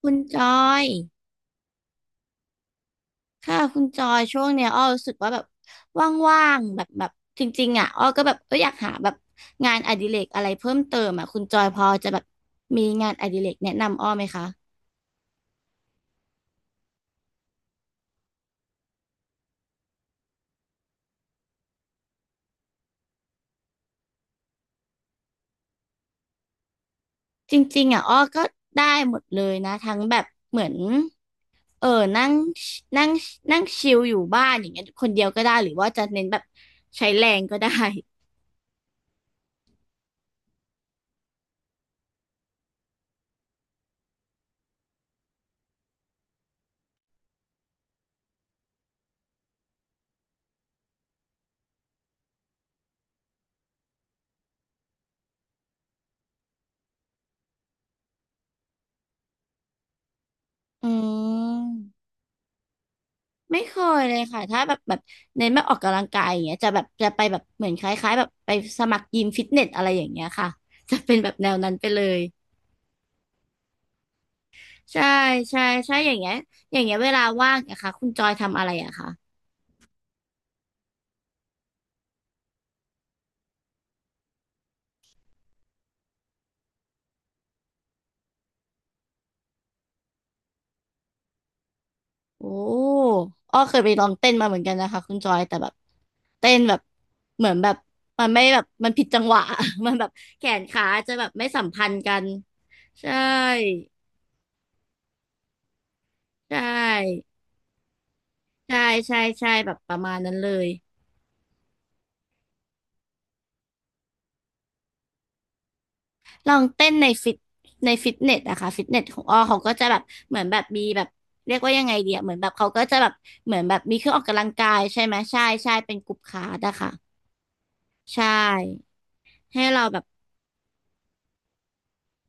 คุณจอยค่ะคุณจอยช่วงเนี้ยอ้อรู้สึกว่าแบบว่างๆแบบแบบจริงๆอ่ะอ้อก็แบบอยากหาแบบงานอดิเรกอะไรเพิ่มเติมอ่ะคุณจอยพอจะแบบมีงานอดิเรกแนะนำอ้อไหมคะจริงๆอ่ะอ้อก็ได้หมดเลยนะทั้งแบบเหมือนเออนั่งนั่งนั่งชิลอยู่บ้านอย่างเงี้ยคนเดียวก็ได้หรือว่าจะเน้นแบบใช้แรงก็ได้อืม ไม่เคยเลยค่ะถ้าแบบแบบเน้นแบบออกกำลังกายอย่างเงี้ยจะแบบจะไปแบบเหมือนคล้ายๆแบบไปสมัครยิมฟิตเนสอะไรอย่างเงี้ยค่ะ จะเป็นแบบแนวนั้นไปเลยใช่ใช่ใช่อย่างเงี้ยอย่างเงี้ยเวลาว่างนะคะคุณจอยทำอะไรอะคะโอ้อ้อเคยไปลองเต้นมาเหมือนกันนะคะคุณจอยแต่แบบเต้นแบบเหมือนแบบมันไม่แบบมันผิดจังหวะ มันแบบแขนขาจะแบบไม่สัมพันธ์กันใช่ใช่ใช่ใช่ใช่แบบประมาณนั้นเลย ลองเต้นในฟิตเนสอะค่ะฟิตเนสของอ้อเขาก็จะแบบเหมือนแบบมีแบบเรียกว่ายังไงเดียเหมือนแบบเขาก็จะแบบเหมือนแบบมีเครื่องออกกำลังกายใช่ไหมใช่ใช่เป็นกลุ่มคลาสอะค่ะใช่ให้เราแบบ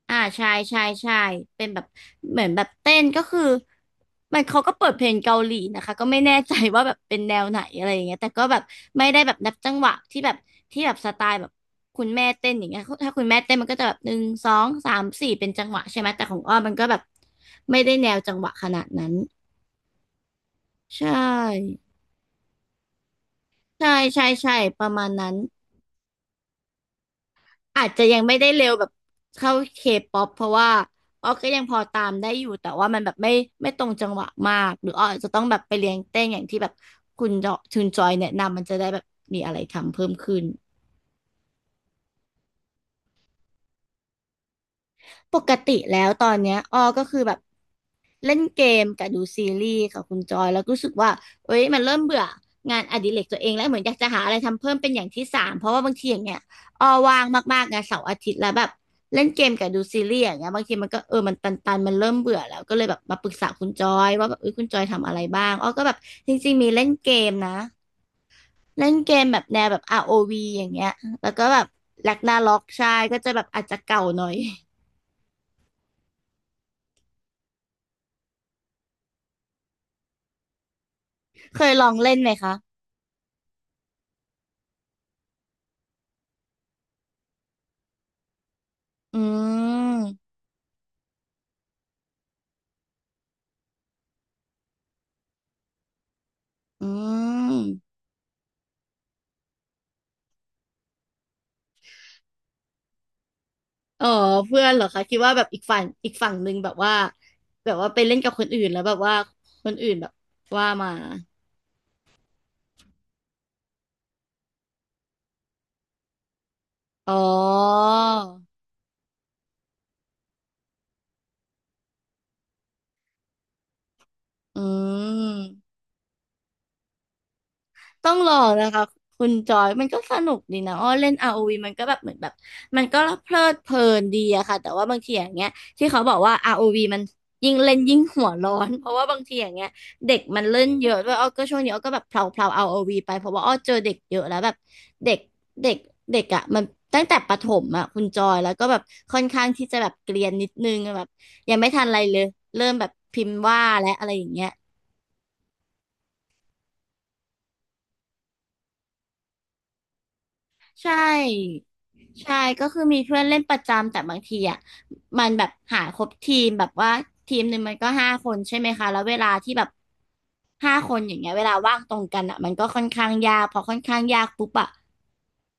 อ่าใช่ใช่ใช่เป็นแบบเหมือนแบบเต้นก็คือมันเขาก็เปิดเพลงเกาหลีนะคะก็ไม่แน่ใจว่าแบบเป็นแนวไหนอะไรอย่างเงี้ยแต่ก็แบบไม่ได้แบบนับจังหวะที่แบบที่แบบสไตล์แบบคุณแม่เต้นอย่างเงี้ยถ้าคุณแม่เต้นมันก็จะแบบหนึ่งสองสามสี่เป็นจังหวะใช่ไหมแต่ของอ้อมมันก็แบบไม่ได้แนวจังหวะขนาดนั้นใช่ใช่ใช่ใช่ประมาณนั้น อาจจะยังไม่ได้เร็วแบบเข้าเคป๊อปเพราะว่าอ้อก็ยังพอตามได้อยู่แต่ว่ามันแบบไม่ตรงจังหวะมากหรืออ้ออาจจะต้องแบบไปเรียนเต้นอย่างที่แบบคุณจอชุนจอยแนะนำมันจะได้แบบมีอะไรทำเพิ่มขึ้นปกติแล้วตอนเนี้ยอ้อก็คือแบบ เล่นเกมกับดูซีรีส์ค่ะคุณจอยแล้วก็รู้สึกว่าเอ้ยมันเริ่มเบื่องานอดิเรกตัวเองแล้วเหมือนอยากจะหาอะไรทำเพิ่มเป็นอย่างที่สามเพราะว่าบางทีอย่างเงี้ยออว่างมากๆนะเสาร์อาทิตย์แล้วแบบเล่นเกมกับดูซีรีส์อย่างเงี้ยบางทีมันก็มันตันๆมันเริ่มเบื่อแล้วก็เลยแบบมาปรึกษาคุณจอยว่าแบบเอ้ยคุณจอยทำอะไรบ้างอ้อก็แบบจริงๆมีเล่นเกมนะเล่นเกมแบบแนวแบบ ROV อวีอย่างเงี้ยแล้วก็แบบแลกนาล็อกใช่ก็จะแบบอาจจะเก่าหน่อย เคยลองเล่นไหมคะอืมอืม อ๋อเพื่อนเหรอคะคิดว่าแบบอีกฝั่งอีกฝั่งหนึ่งแบบว่าแบบว่าไปเล่นกับคนอื่นแล้วแบบว่าคนอื่นแบบว่ามาอ๋ออืม ต้องลองนะคะคุณจอยมันก็สนุกดีนะอ้อเล่น r วีมันก็แบบเหมือนแบบมันก็เพลิดเพลินดีอะค่ะแต่ว่าบางทีอย่างเงี้ยที่เขาบอกว่าอาร์โอว v มันยิ่งเล่นยิ่งหัวร้อนเพราะว่าบางทีอย่างเงี้ยเด็กมันเล่นเยอะด้วยอ้อก็ช่วงนี้อ้อก็แบบเพลาเพลา r วีไปเพราะว่าอ้อเจอเด็กเยอะแล้วแบบเด็กเด็กเด็กอะมันตั้งแต่ประถมอะคุณจอยแล้วก็แบบค่อนข้างที่จะแบบเกรียนนิดนึงแบบยังไม่ทันอะไรเลยเริ่มแบบพิมพ์ว่าและอะไรอย่างเงี้ย ใช่ใช่ก็คือมีเพื่อนเล่นประจำแต่บางทีอ่ะมันแบบหาครบทีมแบบว่าทีมหนึ่งมันก็ห้าคนใช่ไหมคะแล้วเวลาที่แบบห้าคนอย่างเงี้ยเวลาว่างตรงกันอ่ะมันก็ค่อนข้างยากพอค่อนข้างยากปุ๊บอ่ะ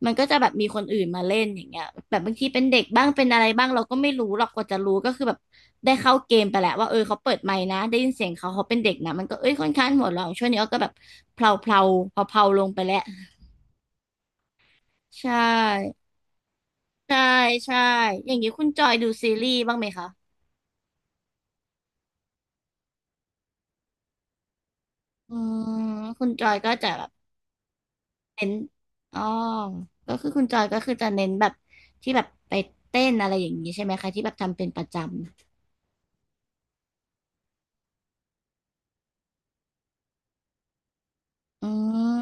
มันก็จะแบบมีคนอื่นมาเล่นอย่างเงี้ยแบบบางทีเป็นเด็กบ้างเป็นอะไรบ้างเราก็ไม่รู้หรอกกว่าจะรู้ก็คือแบบได้เข้าเกมไปแหละว่าเออเขาเปิดไมค์นะได้ยินเสียงเขาเขาเป็นเด็กนะมันก็เอ้ยค่อนข้างหัวเราะช่วงนี้อ้อก็แบบเพลาเพลาพอเพลาๆลงไปแล้วใช่ ใช่ใช่ อย่างนี้คุณจอยดูซีรีส์บ้างไหมคะอืมคุณจอยก็จะแบบเน้น อ๋อ ก็คือคุณจอยก็คือจะเน้นแบบที่แบบไปเต้นอะไรอย่างนี้ใช่ไหมคะที่แบบทำเป็นประจำอื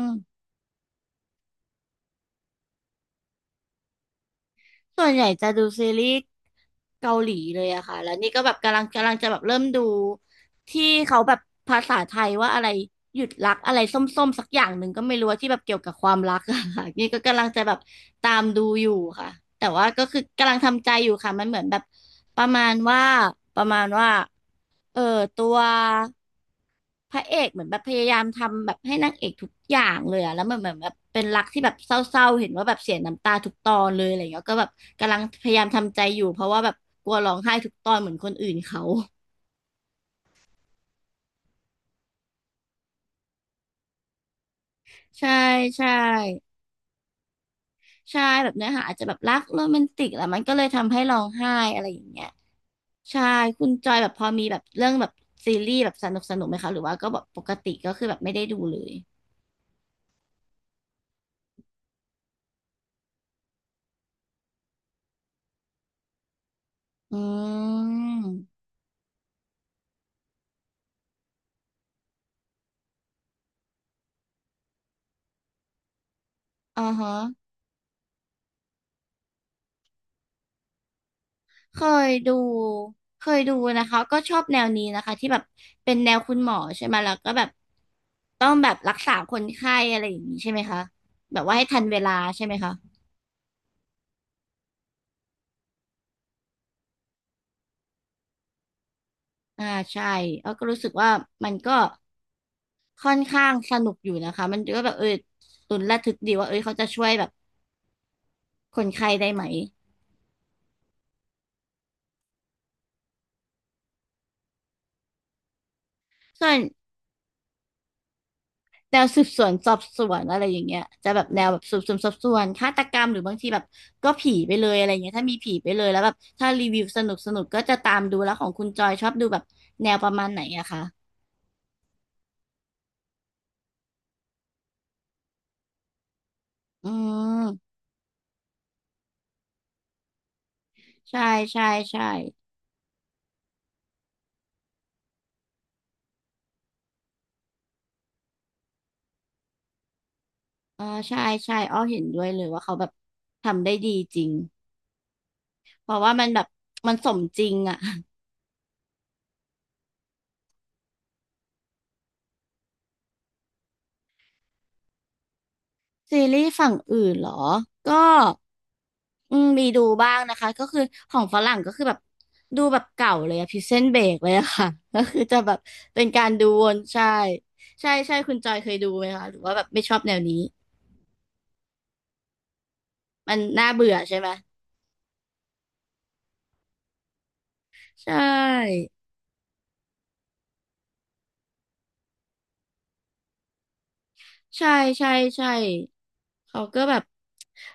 ม ส่วนใหญ่จะดูซีรีส์เกาหลีเลยอะค่ะ แล้วนี่ก็แบบกำลังจะแบบเริ่มดูที่เขาแบบภาษาไทยว่าอะไรหยุดรักอะไรส้มๆสักอย่างหนึ่งก็ไม่รู้ว่าที่แบบเกี่ยวกับความรักอะค่ะ นี่ก็กำลังจะแบบตามดูอยู่ค่ะ แต่ว่าก็คือกำลังทำใจอยู่ค่ะ มันเหมือนแบบประมาณว่าประมาณว่าเออตัว พระเอกเหมือนแบบพยายามทำแบบให้นางเอกทุกอย่างเลยอะแล้วมันเหมือนแบบเป็นรักที่แบบเศร้าๆเห็นว่าแบบเสียน้ำตาทุกตอนเลยอะไรเงี้ยก็แบบกำลังพยายามทำใจอยู่เพราะว่าแบบกลัวร้องไห้ทุกตอนเหมือนคนอื่นเขาใช่ใช่ใช่แบบเนื้อหาอาจจะแบบรักโรแมนติกแหละมันก็เลยทำให้ร้องไห้อะไรอย่างเงี้ยใช่คุณจอยแบบพอมีแบบเรื่องแบบซีรีส์แบบสนุกไหมคะหรือว่าก็แบบปกติก็คือแบบไม่ได้ดูเลยอืมอ่าฮะ เคยดูเคยดูนะคะก็ชอบแนวนี้นะคะที่แบบเป็นแนวคุณหมอใช่ไหมแล้วก็แบบต้องแบบรักษาคนไข้อะไรอย่างนี้ใช่ไหมคะแบบว่าให้ทันเวลาใช่ไหมคะอ่าใช่แล้วก็รู้สึกว่ามันก็ค่อนข้างสนุกอยู่นะคะมันก็แบบลุ้นระทึกดีว่าเอยเขาจะช่วยแบบคนไข้ได้ไหมส่วน แนวสืบสวนสอบสวนอะไรอย่างเงี้ยจะแบบแนวแบบสืบสวนสอบสวนฆาตกรรมหรือบางทีแบบก็ผีไปเลยอะไรอย่างเงี้ยถ้ามีผีไปเลยแล้วแบบถ้ารีวิวสนุกก็จะตามดูแล้วของคุณจอยชอบดูแบบแนวประมาณไหนอะคะอืมใช่ใช่ใช่อ่าใช่ใช่อ้อเห็นด้วยเลยว่าเขาแบบทำได้ดีจริงเพราะว่ามันแบบมันสมจริงอะ ซีรีส์ฝั่งอื่นเหรอ ก็อืมมีดูบ้างนะคะ ก็คือของฝรั่งก็คือแบบดูแบบเก่าเลยอะพิเซนเบกเลยอะค่ะ ก็คือจะแบบเป็นการดูวนใช่ใช่คุณจอยเคยดูไหมคะ หรือว่าแบบไม่ชอบแนวนี้ มันน่าเบื่อใช่ไหม ใช่ ใช่ใช่ใช่เขาก็แบบ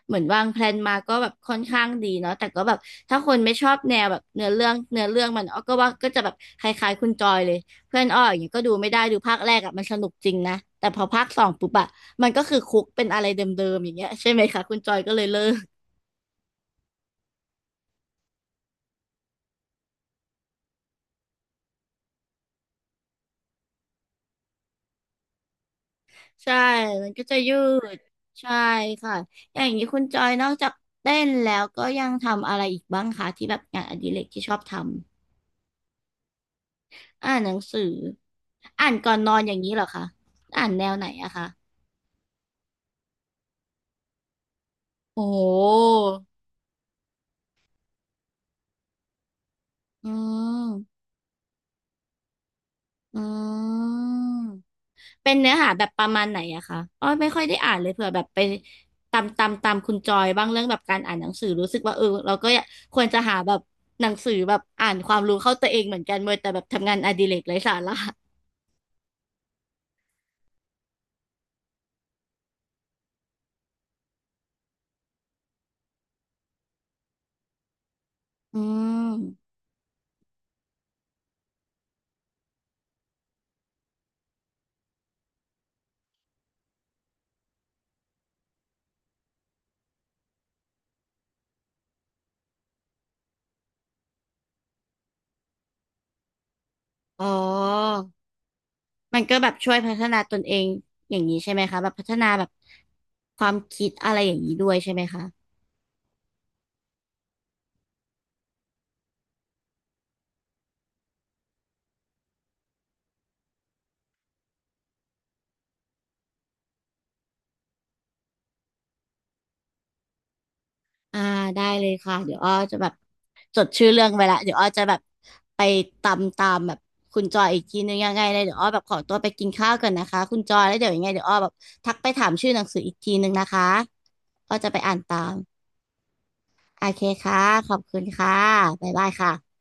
เหมือนวางแพลนมาก็แบบค่อนข้างดีเนาะแต่ก็แบบถ้าคนไม่ชอบแนวแบบเนื้อเรื่องมันอ้อก็ว่าก็จะแบบคล้ายๆคุณจอยเลยเพื่อนอ้ออย่างเงี้ยก็ดูไม่ได้ดูภาคแรกอะมันสนุกจริงนะแต่พอภาคสองปุ๊บอะมันก็คือคุกเป็นอะไรเดิมๆอย่างเงี้ยใช่ไหมคะคุณจอยก็เลยเลิกใช่มันก็จะยืดใช่ค่ะอย่างนี้คุณจอยนอกจากเต้นแล้วก็ยังทำอะไรอีกบ้างคะที่แบบงานอดิเรกที่ชอบทำ อ่านหนังสืออ่านก่อนนอนอย่างนี้เหรอคะอ่านแนวไหนอะคะโอ้โหอืมอืมเป็นเนื้อหาแบบประมาณไหนอะคะอ้อไม่ค่อยได้อ่านเลยเผื่อแบบไปตามคุณจอยบ้างเรื่องแบบการอ่านหนังสือรู้สึกว่าเราก็อยากควรจะหาแบบหนังสือแบบอ่านความรู้เข้าตัวเองเหมือนกันเมื่อแต่แบบทำงานอดิเรกไร้สาระอืมอ๋อ มันก็แบบช่วยพัฒนาตนเองอย่างนี้ใช่ไหมคะแบบพัฒนาแบบความคิดอะไรอย่างนี้ด้วยใช่ไหมคะอ่าได้เลยค่ะเดี๋ยวอ้อจะแบบจดชื่อเรื่องไว้ละเดี๋ยวอ้อจะแบบไปตามแบบคุณจอยอีกทีนึงยังไงเลยเดี๋ยวอ้อแบบขอตัวไปกินข้าวก่อนนะคะคุณจอยแล้วเดี๋ยวยังไงเดี๋ยวอ้อแบบทักไปถามชื่อหนังสืออีกทีนึงนะคะอ้อจะไปอ่านตามโอเคค่ะขอบคุณค่ะบ๊ายบายค่ะ